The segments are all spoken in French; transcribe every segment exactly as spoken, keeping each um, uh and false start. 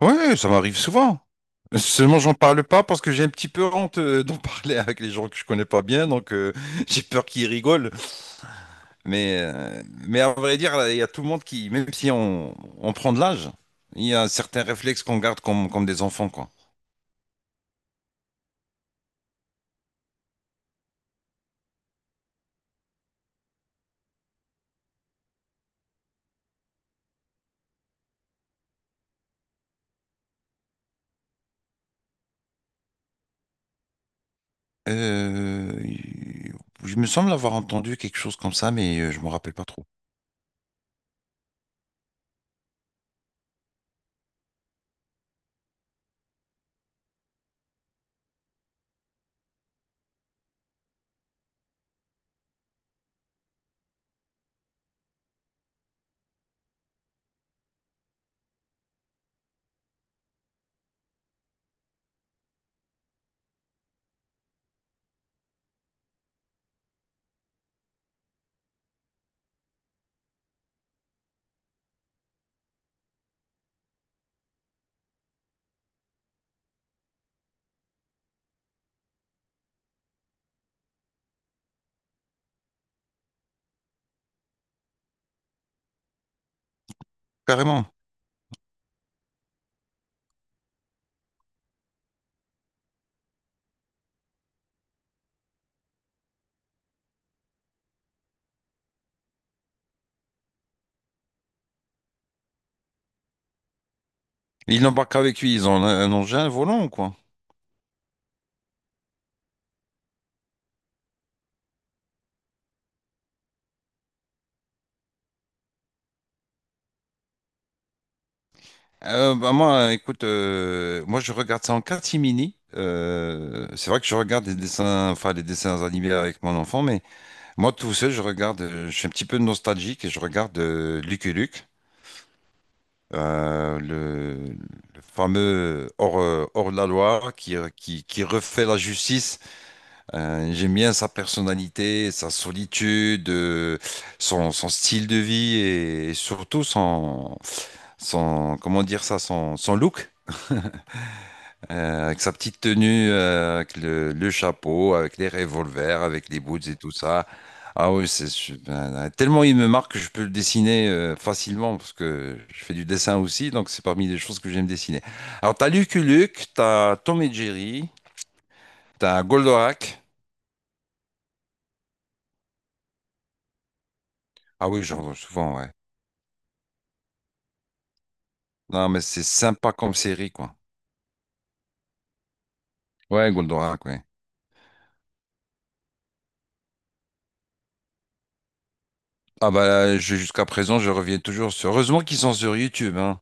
Ouais, ça m'arrive souvent. Seulement, j'en parle pas parce que j'ai un petit peu honte euh, d'en parler avec les gens que je connais pas bien, donc euh, j'ai peur qu'ils rigolent. Mais, euh, mais à vrai dire, là, il y a tout le monde qui, même si on, on prend de l'âge, il y a certains réflexes qu'on garde comme, comme des enfants, quoi. Euh, je me semble avoir entendu quelque chose comme ça, mais euh, je me rappelle pas trop. Carrément. Ils n'embarquent avec lui, ils ont un, un engin volant, quoi. Euh, bah moi, euh, écoute, euh, moi je regarde ça en catimini. Euh, c'est vrai que je regarde des dessins, enfin des dessins animés avec mon enfant, mais moi tout seul, je regarde, euh, je suis un petit peu nostalgique et je regarde euh, Lucky Luke, euh, le, le fameux hors, euh, hors la loi qui, euh, qui, qui refait la justice. Euh, j'aime bien sa personnalité, sa solitude, euh, son, son style de vie et, surtout son, son, comment dire ça, son, son look. Euh, avec sa petite tenue, euh, avec le, le chapeau, avec les revolvers, avec les boots et tout ça. Ah oui, c'est su- ben, euh, tellement il me marque que je peux le dessiner euh, facilement parce que je fais du dessin aussi, donc c'est parmi les choses que j'aime dessiner. Alors t'as Lucky Luke, t'as Tom et Jerry, t'as Goldorak. Ah oui, j'en vois souvent, ouais. Non, mais c'est sympa comme série, quoi. Ouais, Goldorak, ouais. Ah bah, je- jusqu'à présent, je reviens toujours sur. Heureusement qu'ils sont sur YouTube, hein.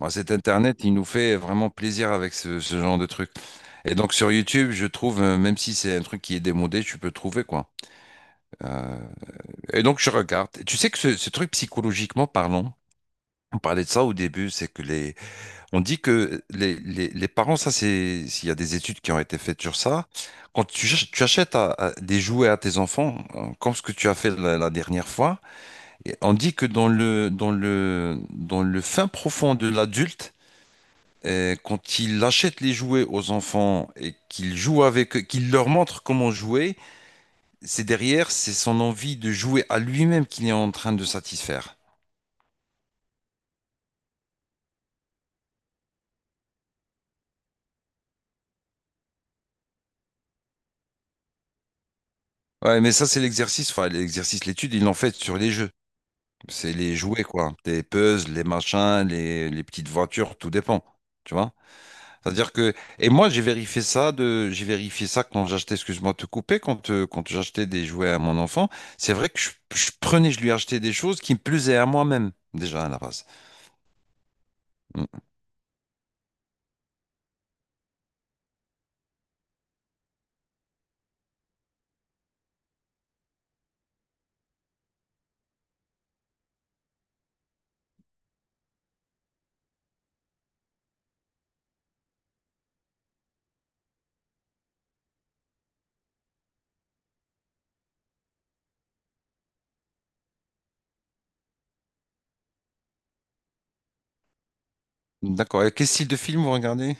Bon, cet Internet, il nous fait vraiment plaisir avec ce, ce genre de truc. Et donc sur YouTube, je trouve, euh, même si c'est un truc qui est démodé, tu peux trouver quoi. Euh, et donc je regarde. Et tu sais que ce, ce truc psychologiquement parlant, on parlait de ça au début, c'est que les, on dit que les, les, les parents, ça c'est, s'il y a des études qui ont été faites sur ça, quand tu, ach- tu achètes à- à des jouets à tes enfants, euh, comme ce que tu as fait la, la dernière fois, et on dit que dans le, dans le, dans le fin profond de l'adulte, et quand il achète les jouets aux enfants et qu'il joue avec eux, qu'il leur montre comment jouer, c'est derrière, c'est son envie de jouer à lui-même qu'il est en train de satisfaire. Ouais, mais ça, c'est l'exercice, enfin, l'exercice, l'étude, ils l'ont fait sur les jeux. C'est les jouets, quoi. Les puzzles, les machins, les, les petites voitures, tout dépend. Tu vois? C'est-à-dire que, et moi, j'ai vérifié ça de, j'ai vérifié ça quand j'achetais, excuse-moi de te couper, quand, euh, quand j'achetais des jouets à mon enfant. C'est vrai que je, je prenais, je lui achetais des choses qui me plaisaient à moi-même, déjà, à la base. Mm. D'accord. Et quel style de film vous regardez?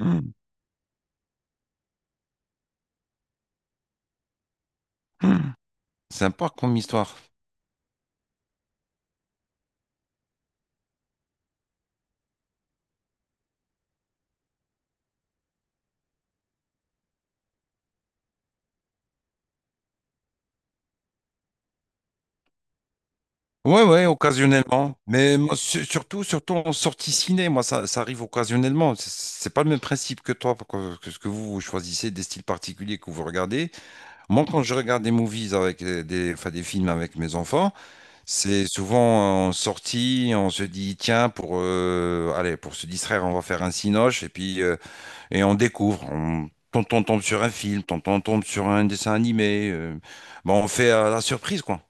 Mm. Mm. C'est un parc comme histoire. Ouais, ouais, occasionnellement. Mais moi, su- surtout, surtout en sortie ciné, moi, ça, ça arrive occasionnellement. C'est c'est pas le même principe que toi, parce que, que ce que vous, vous choisissez des styles particuliers que vous regardez. Moi, quand je regarde des movies avec euh, des, enfin, des films avec mes enfants, c'est souvent en sortie, on se dit, tiens, pour, euh, allez, pour se distraire, on va faire un cinoche. Et puis, euh, Et on découvre, on, tonton tombe sur un film, tonton tombe sur un dessin animé. Euh, bon, on fait à la surprise, quoi.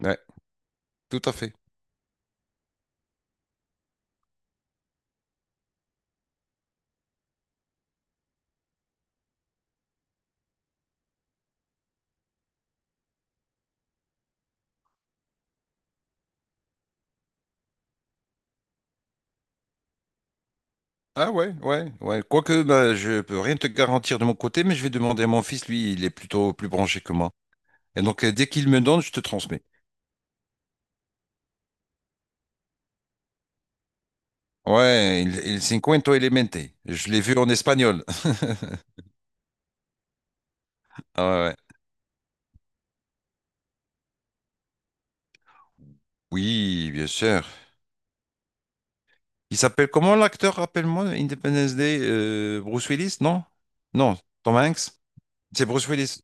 Ouais, tout à fait. Ah ouais, ouais, ouais. Quoique, bah, je peux rien te garantir de mon côté, mais je vais demander à mon fils, lui, il est plutôt plus branché que moi. Et donc, euh, dès qu'il me donne, je te transmets. Ouais, il, il cinquento elemente. Je l'ai vu en espagnol. Ah ouais. Ouais. Oui, bien sûr. Il s'appelle comment l'acteur, rappelle-moi, Independence Day, euh, Bruce Willis, non? Non, Tom Hanks? C'est Bruce Willis.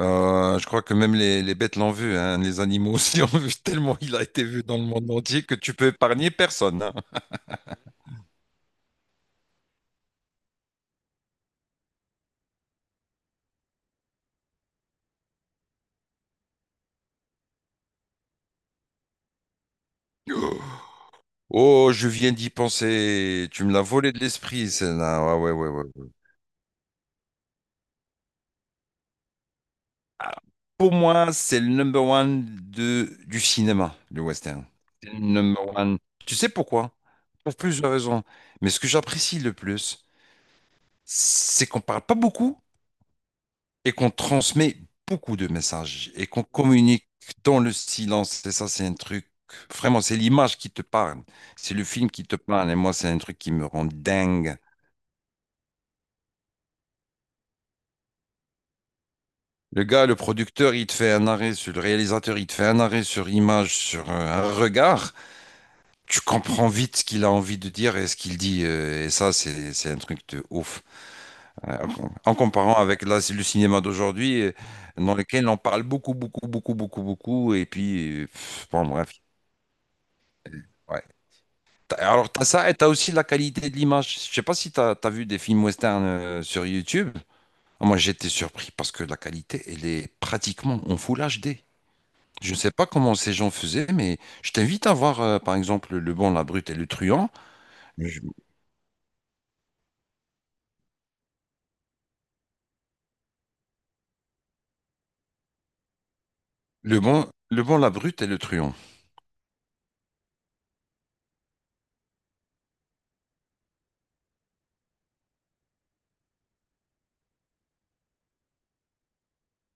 Euh, je crois que même les, les bêtes l'ont vu, hein. Les animaux aussi l'ont vu tellement il a été vu dans le monde entier que tu peux épargner personne, hein. Oh, je viens d'y penser. Tu me l'as volé de l'esprit, celle-là. Ouais, ouais, ouais, ouais. Ouais. Pour moi, c'est le number one de, du cinéma, le western. C'est le number one. Tu sais pourquoi? Pour plusieurs raisons. Mais ce que j'apprécie le plus, c'est qu'on parle pas beaucoup, et qu'on transmet beaucoup de messages et qu'on communique dans le silence. Et ça, c'est un truc, vraiment, c'est l'image qui te parle. C'est le film qui te parle. Et moi, c'est un truc qui me rend dingue. Le gars, le producteur, il te fait un arrêt sur le réalisateur, il te fait un arrêt sur image, sur euh, un regard. Tu comprends vite ce qu'il a envie de dire et ce qu'il dit. Euh, et ça, c'est, c'est un truc de ouf. Euh, En comparant avec là, le cinéma d'aujourd'hui, euh, dans lequel on parle beaucoup, beaucoup, beaucoup, beaucoup, beaucoup. Et puis, euh, bon, bref. Ouais. T'as- Alors, t'as ça et t'as aussi la qualité de l'image. Je sais pas si t'as, t'as vu des films western euh, sur YouTube. Moi, j'étais surpris parce que la qualité, elle est pratiquement en full H D. Je ne sais pas comment ces gens faisaient, mais je t'invite à voir, euh, par exemple, Le Bon, la Brute et le Truand. Je- Le Bon, Le Bon, la Brute et le Truand.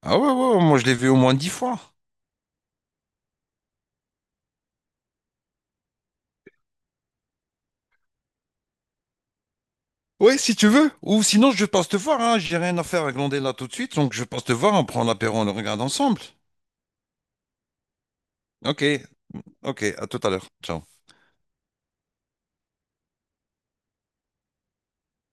Ah ouais, ouais, ouais, moi, je l'ai vu au moins dix fois. Ouais, si tu veux. Ou sinon, je passe te voir. Hein. J'ai rien à faire à glander là tout de suite. Donc, je passe te voir. On prend l'apéro, on le regarde ensemble. Ok, ok. À tout à l'heure. Ciao.